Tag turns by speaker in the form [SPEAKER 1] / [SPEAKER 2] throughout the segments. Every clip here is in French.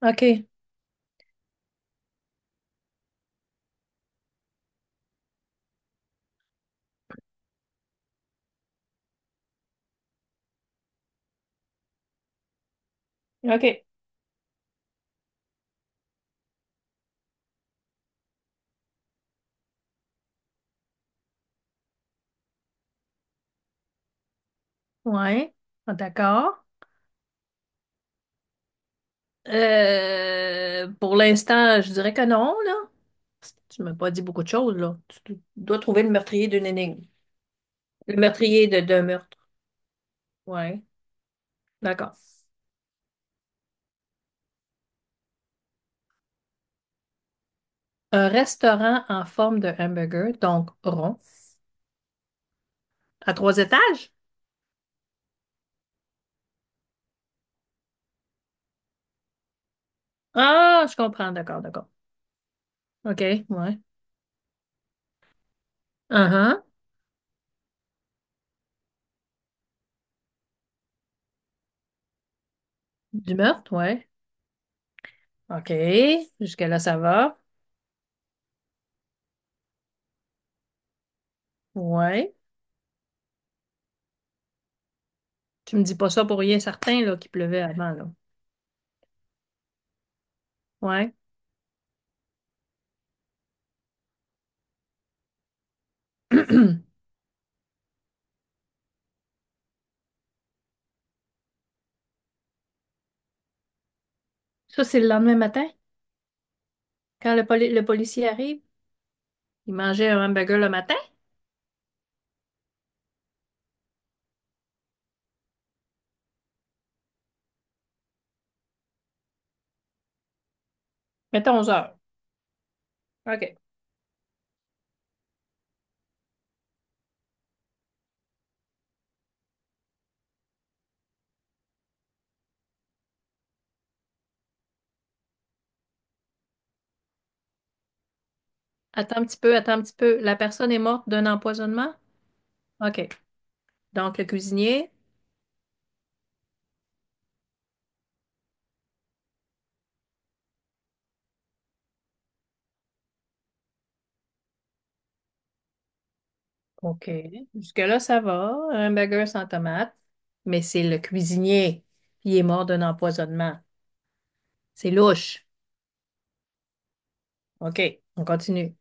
[SPEAKER 1] OK. OK. Ouais. Ah, d'accord. Pour l'instant, je dirais que non, là. Tu m'as pas dit beaucoup de choses, là. Tu dois trouver le meurtrier d'une énigme. Le meurtrier de d'un meurtre. Ouais. D'accord. Un restaurant en forme de hamburger, donc rond, à trois étages? Ah, je comprends. D'accord, d'accord. OK. Ouais. Uh-huh. Du meurtre, ouais. OK. Jusqu'à là, ça va. Ouais. Tu me dis pas ça pour rien certain, là, qu'il pleuvait avant, là. Ouais. Ça, c'est le lendemain matin, quand le, le policier arrive. Il mangeait un hamburger le matin. Mettons 11 heures. OK. Attends un petit peu, attends un petit peu. La personne est morte d'un empoisonnement? OK. Donc, le cuisinier. OK. Jusque-là, ça va. Un hamburger sans tomate. Mais c'est le cuisinier qui est mort d'un empoisonnement. C'est louche. OK. On continue.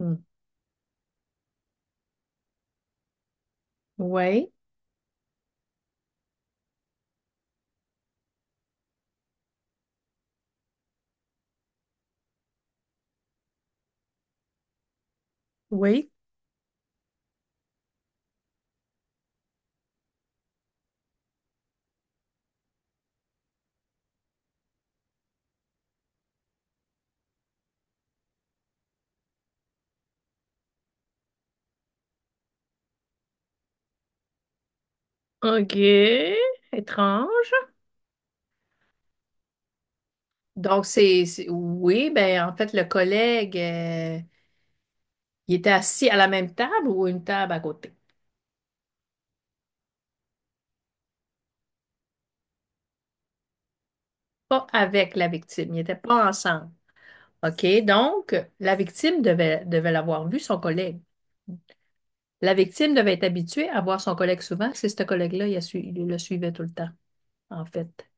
[SPEAKER 1] Hmm. Oui. Oui. OK. Étrange. Donc, oui, ben, en fait, le collègue. Il était assis à la même table ou une table à côté? Pas avec la victime. Ils n'étaient pas ensemble. OK? Donc, la victime devait l'avoir vu, son collègue. La victime devait être habituée à voir son collègue souvent. C'est ce collègue-là, il le suivait tout le temps, en fait.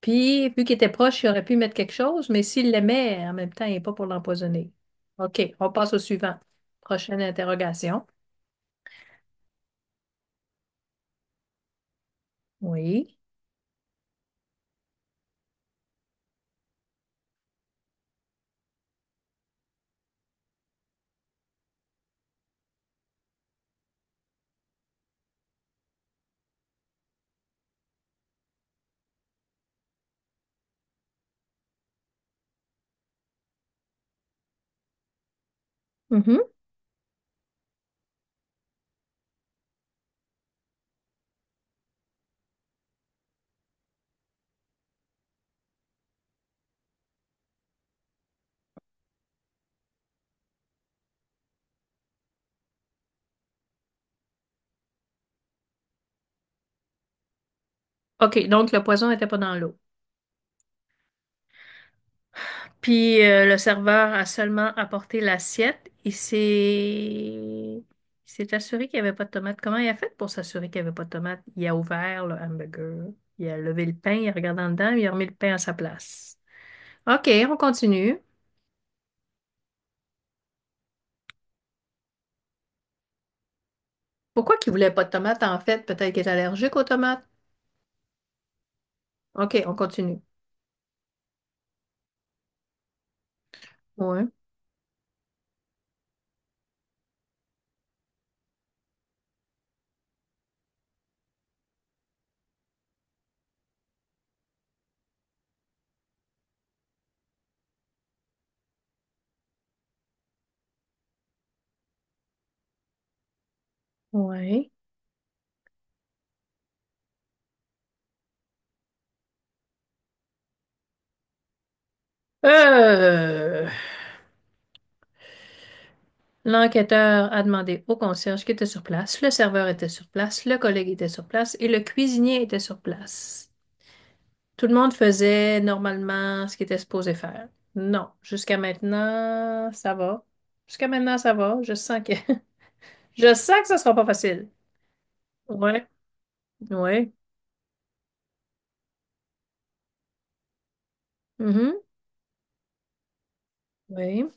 [SPEAKER 1] Puis, vu qu'il était proche, il aurait pu mettre quelque chose, mais s'il l'aimait, en même temps, il n'est pas pour l'empoisonner. OK, on passe au suivant. Prochaine interrogation. Oui. Mhm. OK, donc le poison n'était pas dans l'eau. Puis le serveur a seulement apporté l'assiette et s'est il s'est assuré qu'il n'y avait pas de tomate. Comment il a fait pour s'assurer qu'il n'y avait pas de tomate? Il a ouvert le hamburger, il a levé le pain, il a regardé en dedans, il a remis le pain à sa place. OK, on continue. Pourquoi qu'il voulait pas de tomate en fait? Peut-être qu'il est allergique aux tomates. OK, on continue. Ouais. Ouais. Euh, L'enquêteur a demandé au concierge qui était sur place, le serveur était sur place, le collègue était sur place et le cuisinier était sur place. Tout le monde faisait normalement ce qu'il était supposé faire. Non, jusqu'à maintenant, ça va. Jusqu'à maintenant, ça va. Je sens que je sens que ça sera pas facile. Ouais, ouais. Mhm. Oui.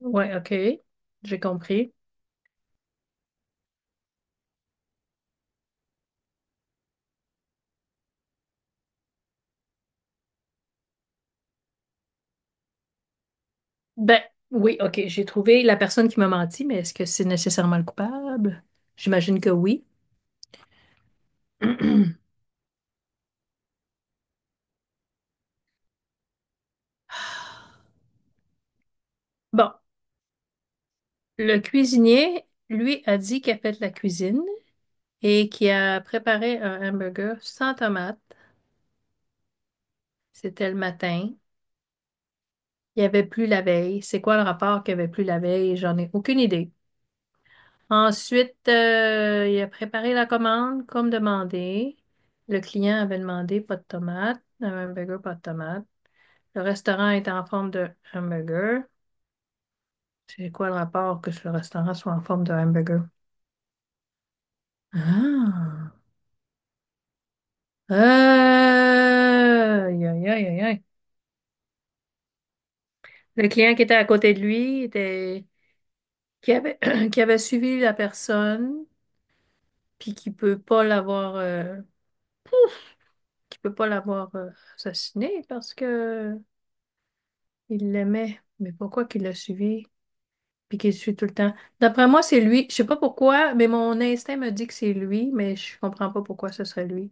[SPEAKER 1] Ouais, OK. J'ai compris. Ben, oui, OK, j'ai trouvé la personne qui m'a menti, mais est-ce que c'est nécessairement le coupable? J'imagine que oui. Bon, le cuisinier, lui, a dit qu'il a fait de la cuisine et qu'il a préparé un hamburger sans tomate. C'était le matin. Il n'y avait plus la veille. C'est quoi le rapport qu'il n'y avait plus la veille? J'en ai aucune idée. Ensuite, il a préparé la commande comme demandé. Le client avait demandé pas de tomate, un hamburger, pas de tomate. Le restaurant est en forme de hamburger. C'est quoi le rapport que le restaurant soit en forme de hamburger? Ah! Aïe, aïe, aïe, aïe, aïe. Le client qui était à côté de lui était qui avait qui avait suivi la personne puis qui peut pas l'avoir. Qui peut pas l'avoir assassiné parce que il l'aimait. Mais pourquoi qu'il l'a suivi puis qu'il le suit tout le temps? D'après moi, c'est lui. Je sais pas pourquoi, mais mon instinct me dit que c'est lui, mais je comprends pas pourquoi ce serait lui.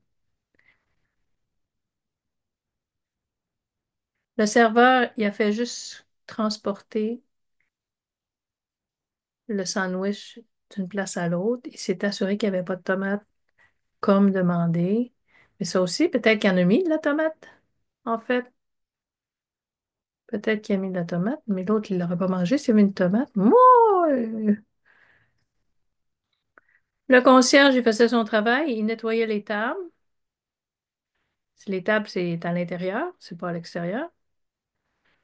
[SPEAKER 1] Le serveur, il a fait juste transporter le sandwich d'une place à l'autre. Il s'est assuré qu'il n'y avait pas de tomate comme demandé. Mais ça aussi, peut-être qu'il en a mis de la tomate, en fait. Peut-être qu'il a mis de la tomate, mais l'autre, il l'aurait pas mangé s'il y avait une tomate. Moi! Le concierge, il faisait son travail, il nettoyait les tables. Si les tables, c'est à l'intérieur, c'est pas à l'extérieur.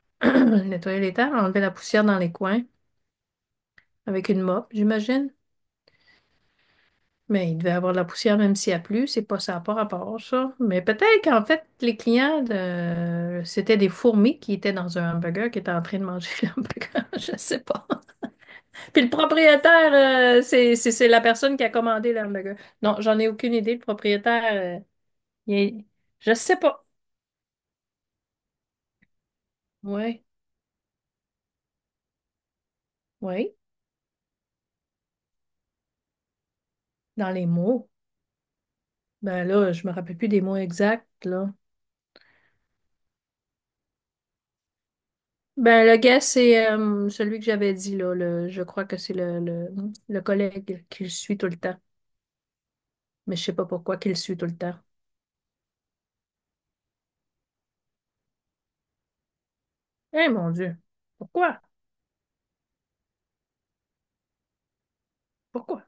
[SPEAKER 1] Il nettoyait les tables, enlevait la poussière dans les coins avec une mop, j'imagine. Mais il devait avoir de la poussière même s'il y a plu, c'est pas ça n'a pas rapport, ça. Mais peut-être qu'en fait, les clients, c'était des fourmis qui étaient dans un hamburger, qui étaient en train de manger l'hamburger, je sais pas. Puis le propriétaire, c'est la personne qui a commandé l'hamburger. Non, j'en ai aucune idée. Le propriétaire, euh, il est- je sais pas. Ouais. Oui. Dans les mots. Ben là, je me rappelle plus des mots exacts, là. Ben, le gars, c'est celui que j'avais dit, là. Je crois que c'est le collègue qui le suit tout le temps. Mais je sais pas pourquoi qu'il le suit tout le temps. Eh mon Dieu! Pourquoi? Pourquoi?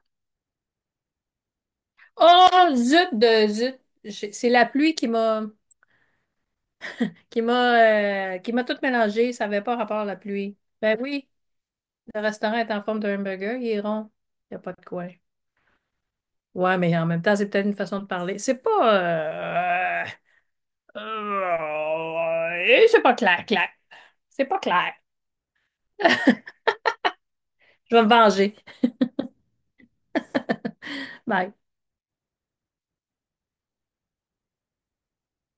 [SPEAKER 1] Oh, zut de zut! J'ai- C'est la pluie qui m'a qui m'a tout mélangé. Ça avait pas rapport à la pluie. Ben oui, le restaurant est en forme d'un hamburger, il est rond. Il n'y a pas de coin. Ouais, mais en même temps, c'est peut-être une façon de parler. C'est pas... euh, et c'est pas clair, clair. C'est pas clair. Je vais me venger. Bye.